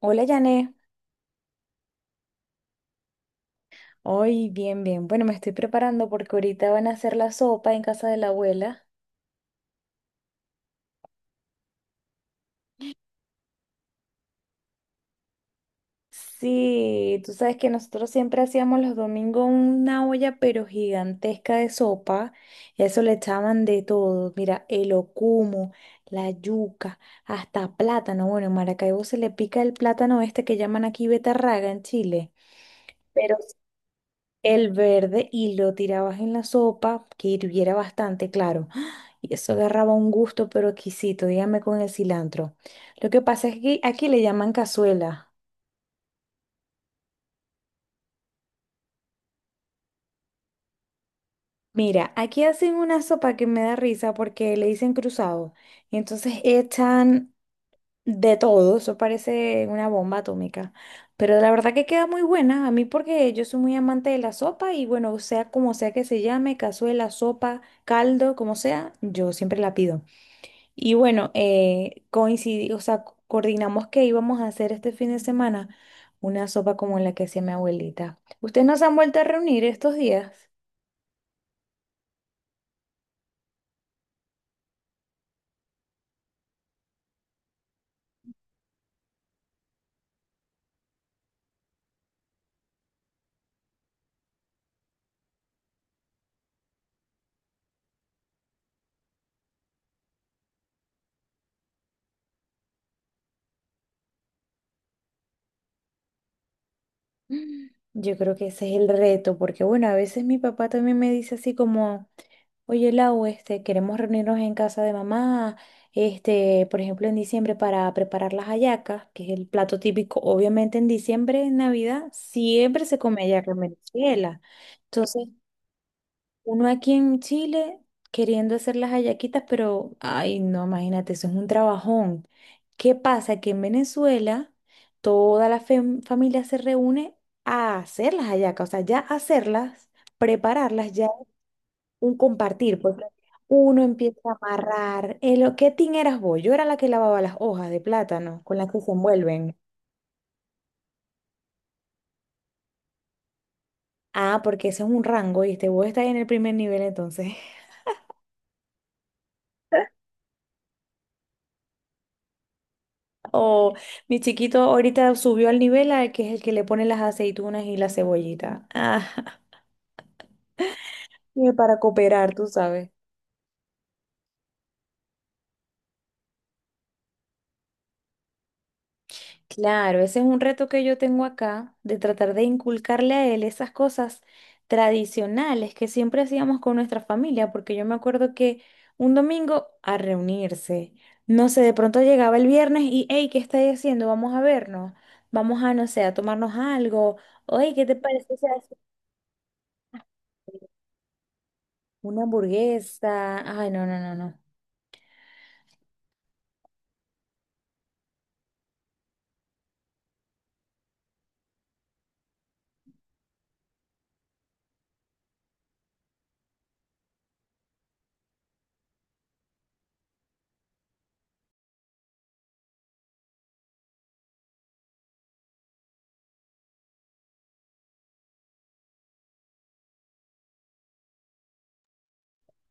Hola, Jané. Hoy, bien, bien. Bueno, me estoy preparando porque ahorita van a hacer la sopa en casa de la abuela. Sí, tú sabes que nosotros siempre hacíamos los domingos una olla pero gigantesca de sopa. Y a eso le echaban de todo. Mira, el ocumo, la yuca, hasta plátano. Bueno, en Maracaibo se le pica el plátano este que llaman aquí betarraga en Chile. Pero el verde y lo tirabas en la sopa, que hirviera bastante, claro. ¡Ah! Y eso agarraba un gusto pero exquisito, dígame con el cilantro. Lo que pasa es que aquí le llaman cazuela. Mira, aquí hacen una sopa que me da risa porque le dicen cruzado. Y entonces echan de todo, eso parece una bomba atómica. Pero la verdad que queda muy buena, a mí porque yo soy muy amante de la sopa y bueno, sea como sea que se llame, cazuela, sopa, caldo, como sea, yo siempre la pido. Y bueno, coincidí, o sea, coordinamos que íbamos a hacer este fin de semana una sopa como la que hacía mi abuelita. ¿Ustedes no se han vuelto a reunir estos días? Mm. Yo creo que ese es el reto, porque bueno, a veces mi papá también me dice así como, oye Lau, queremos reunirnos en casa de mamá, por ejemplo, en diciembre para preparar las hallacas, que es el plato típico, obviamente en diciembre, en Navidad, siempre se come hallaca en Venezuela. Entonces, uno aquí en Chile queriendo hacer las hallaquitas, pero, ay, no, imagínate, eso es un trabajón. ¿Qué pasa? Que en Venezuela toda la familia se reúne a hacer las hallacas, o sea, ya hacerlas, prepararlas, ya un compartir. Pues uno empieza a amarrar. El, ¿qué tin eras vos? Yo era la que lavaba las hojas de plátano con las que se envuelven. Ah, porque ese es un rango y este vos estás en el primer nivel entonces. O mi chiquito ahorita subió al nivel al que es el que le pone las aceitunas y la cebollita. Ajá. Y para cooperar, tú sabes. Claro, ese es un reto que yo tengo acá, de tratar de inculcarle a él esas cosas tradicionales que siempre hacíamos con nuestra familia, porque yo me acuerdo que un domingo a reunirse, no sé, de pronto llegaba el viernes y, hey, ¿qué estáis haciendo? Vamos a vernos, vamos a, no sé, a tomarnos algo, oye, ¿qué te parece si una hamburguesa? Ay, no, no, no, no.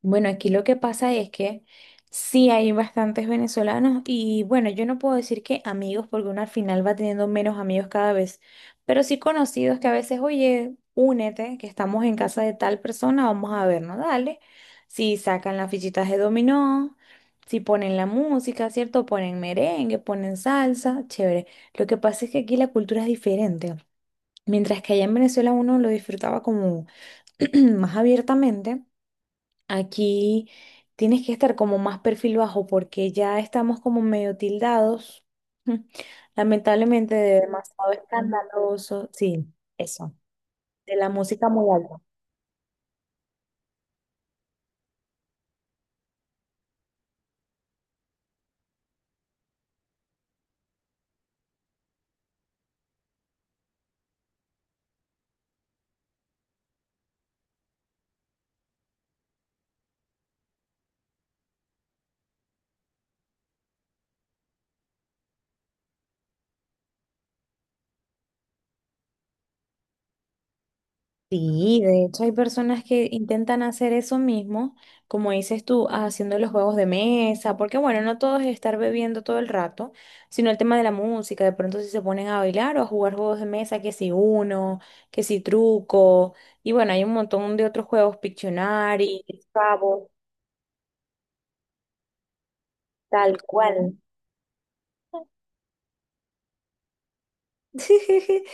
Bueno, aquí lo que pasa es que sí hay bastantes venezolanos y bueno, yo no puedo decir que amigos porque uno al final va teniendo menos amigos cada vez, pero sí conocidos que a veces, oye, únete, que estamos en casa de tal persona, vamos a vernos, dale. Si sacan las fichitas de dominó, si ponen la música, ¿cierto? Ponen merengue, ponen salsa, chévere. Lo que pasa es que aquí la cultura es diferente. Mientras que allá en Venezuela uno lo disfrutaba como más abiertamente. Aquí tienes que estar como más perfil bajo porque ya estamos como medio tildados, lamentablemente de demasiado escandaloso, sí, eso, de la música muy alta. Sí, de hecho hay personas que intentan hacer eso mismo, como dices tú, haciendo los juegos de mesa, porque bueno, no todo es estar bebiendo todo el rato, sino el tema de la música, de pronto si se ponen a bailar o a jugar juegos de mesa, que si uno, que si truco, y bueno, hay un montón de otros juegos, Pictionary, Scrabble, tal cual.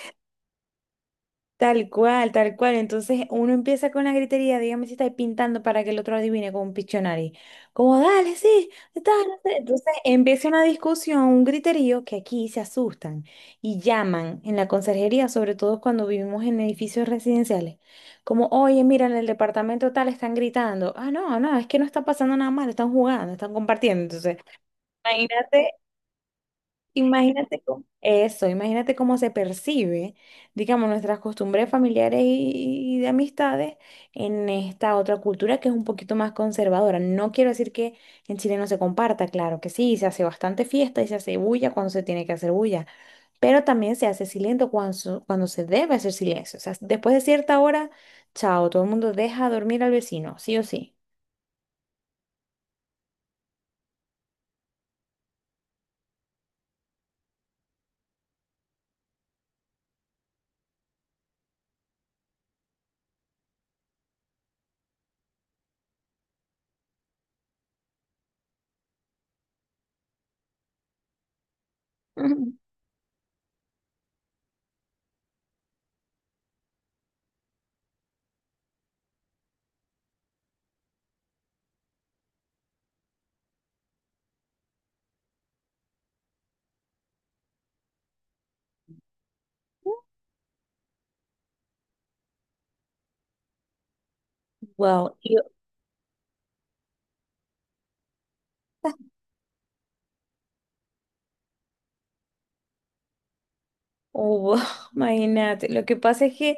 Tal cual, tal cual. Entonces uno empieza con la gritería, dígame si estáis pintando para que el otro adivine con un Pictionary. Como, dale, sí, está, no sé". Entonces empieza una discusión, un griterío que aquí se asustan y llaman en la conserjería, sobre todo cuando vivimos en edificios residenciales. Como, oye, mira, en el departamento tal están gritando. Ah, no, no, es que no está pasando nada malo, están jugando, están compartiendo. Entonces, imagínate. Imagínate cómo, eso, imagínate cómo se percibe, digamos, nuestras costumbres familiares y de amistades en esta otra cultura que es un poquito más conservadora. No quiero decir que en Chile no se comparta, claro que sí, se hace bastante fiesta y se hace bulla cuando se tiene que hacer bulla, pero también se hace silencio cuando, cuando se debe hacer silencio. O sea, después de cierta hora, chao, todo el mundo deja dormir al vecino, sí o sí. Ujú. Wow. Oh, imagínate, lo que pasa es que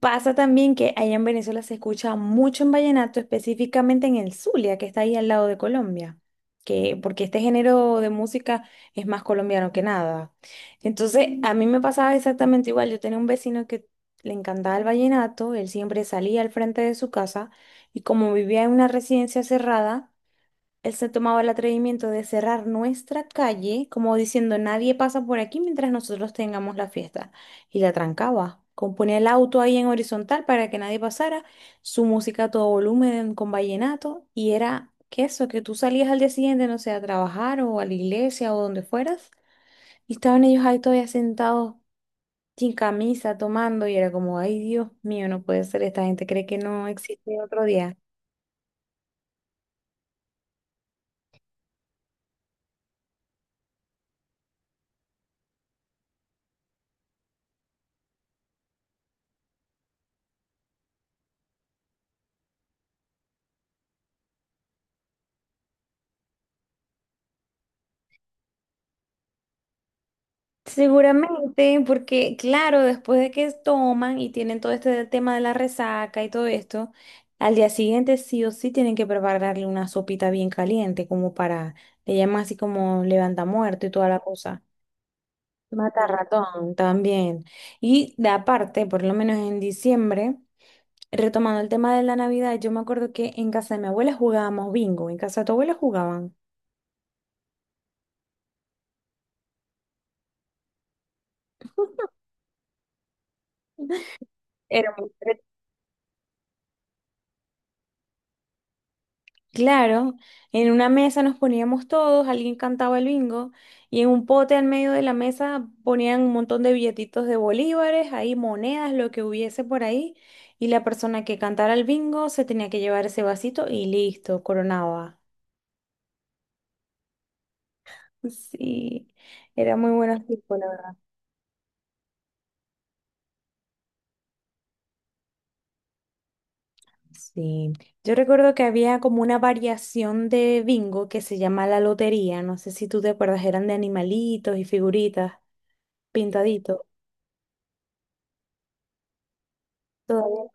pasa también que allá en Venezuela se escucha mucho en vallenato, específicamente en el Zulia, que está ahí al lado de Colombia, que porque este género de música es más colombiano que nada. Entonces, a mí me pasaba exactamente igual, yo tenía un vecino que le encantaba el vallenato, él siempre salía al frente de su casa y como vivía en una residencia cerrada, él se tomaba el atrevimiento de cerrar nuestra calle, como diciendo nadie pasa por aquí mientras nosotros tengamos la fiesta. Y la trancaba. Como ponía el auto ahí en horizontal para que nadie pasara, su música a todo volumen con vallenato, y era que eso, que tú salías al día siguiente, no sé, a trabajar o a la iglesia o donde fueras, y estaban ellos ahí todavía sentados sin camisa, tomando, y era como, ay Dios mío, no puede ser, esta gente cree que no existe otro día. Seguramente, porque claro, después de que toman y tienen todo este tema de la resaca y todo esto, al día siguiente sí o sí tienen que prepararle una sopita bien caliente, como para, le llaman así como levanta muerto y toda la cosa. Mata ratón también. Y de aparte, por lo menos en diciembre, retomando el tema de la Navidad, yo me acuerdo que en casa de mi abuela jugábamos bingo, en casa de tu abuela jugaban. Era muy entretenido. Claro, en una mesa nos poníamos todos, alguien cantaba el bingo y en un pote al medio de la mesa ponían un montón de billetitos de bolívares, ahí monedas, lo que hubiese por ahí y la persona que cantara el bingo se tenía que llevar ese vasito y listo, coronaba. Sí, era muy buenos tiempos, la verdad. Sí, yo recuerdo que había como una variación de bingo que se llama la lotería, no sé si tú te acuerdas, eran de animalitos y figuritas pintaditos. Todavía.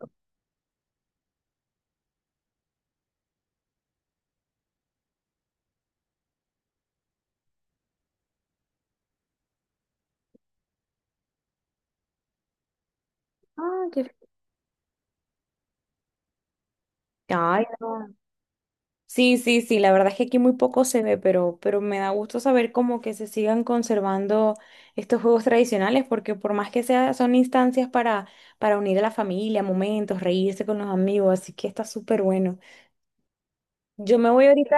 Ah, qué. Ay, no. Sí, sí, sí, la verdad es que aquí muy poco se ve, pero me da gusto saber como que se sigan conservando estos juegos tradicionales, porque por más que sea, son instancias para unir a la familia, momentos, reírse con los amigos, así que está súper bueno. Yo me voy ahorita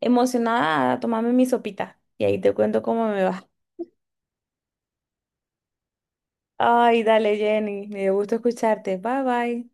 emocionada a tomarme mi sopita y ahí te cuento cómo me va. Ay, dale, Jenny, me dio gusto escucharte. Bye, bye.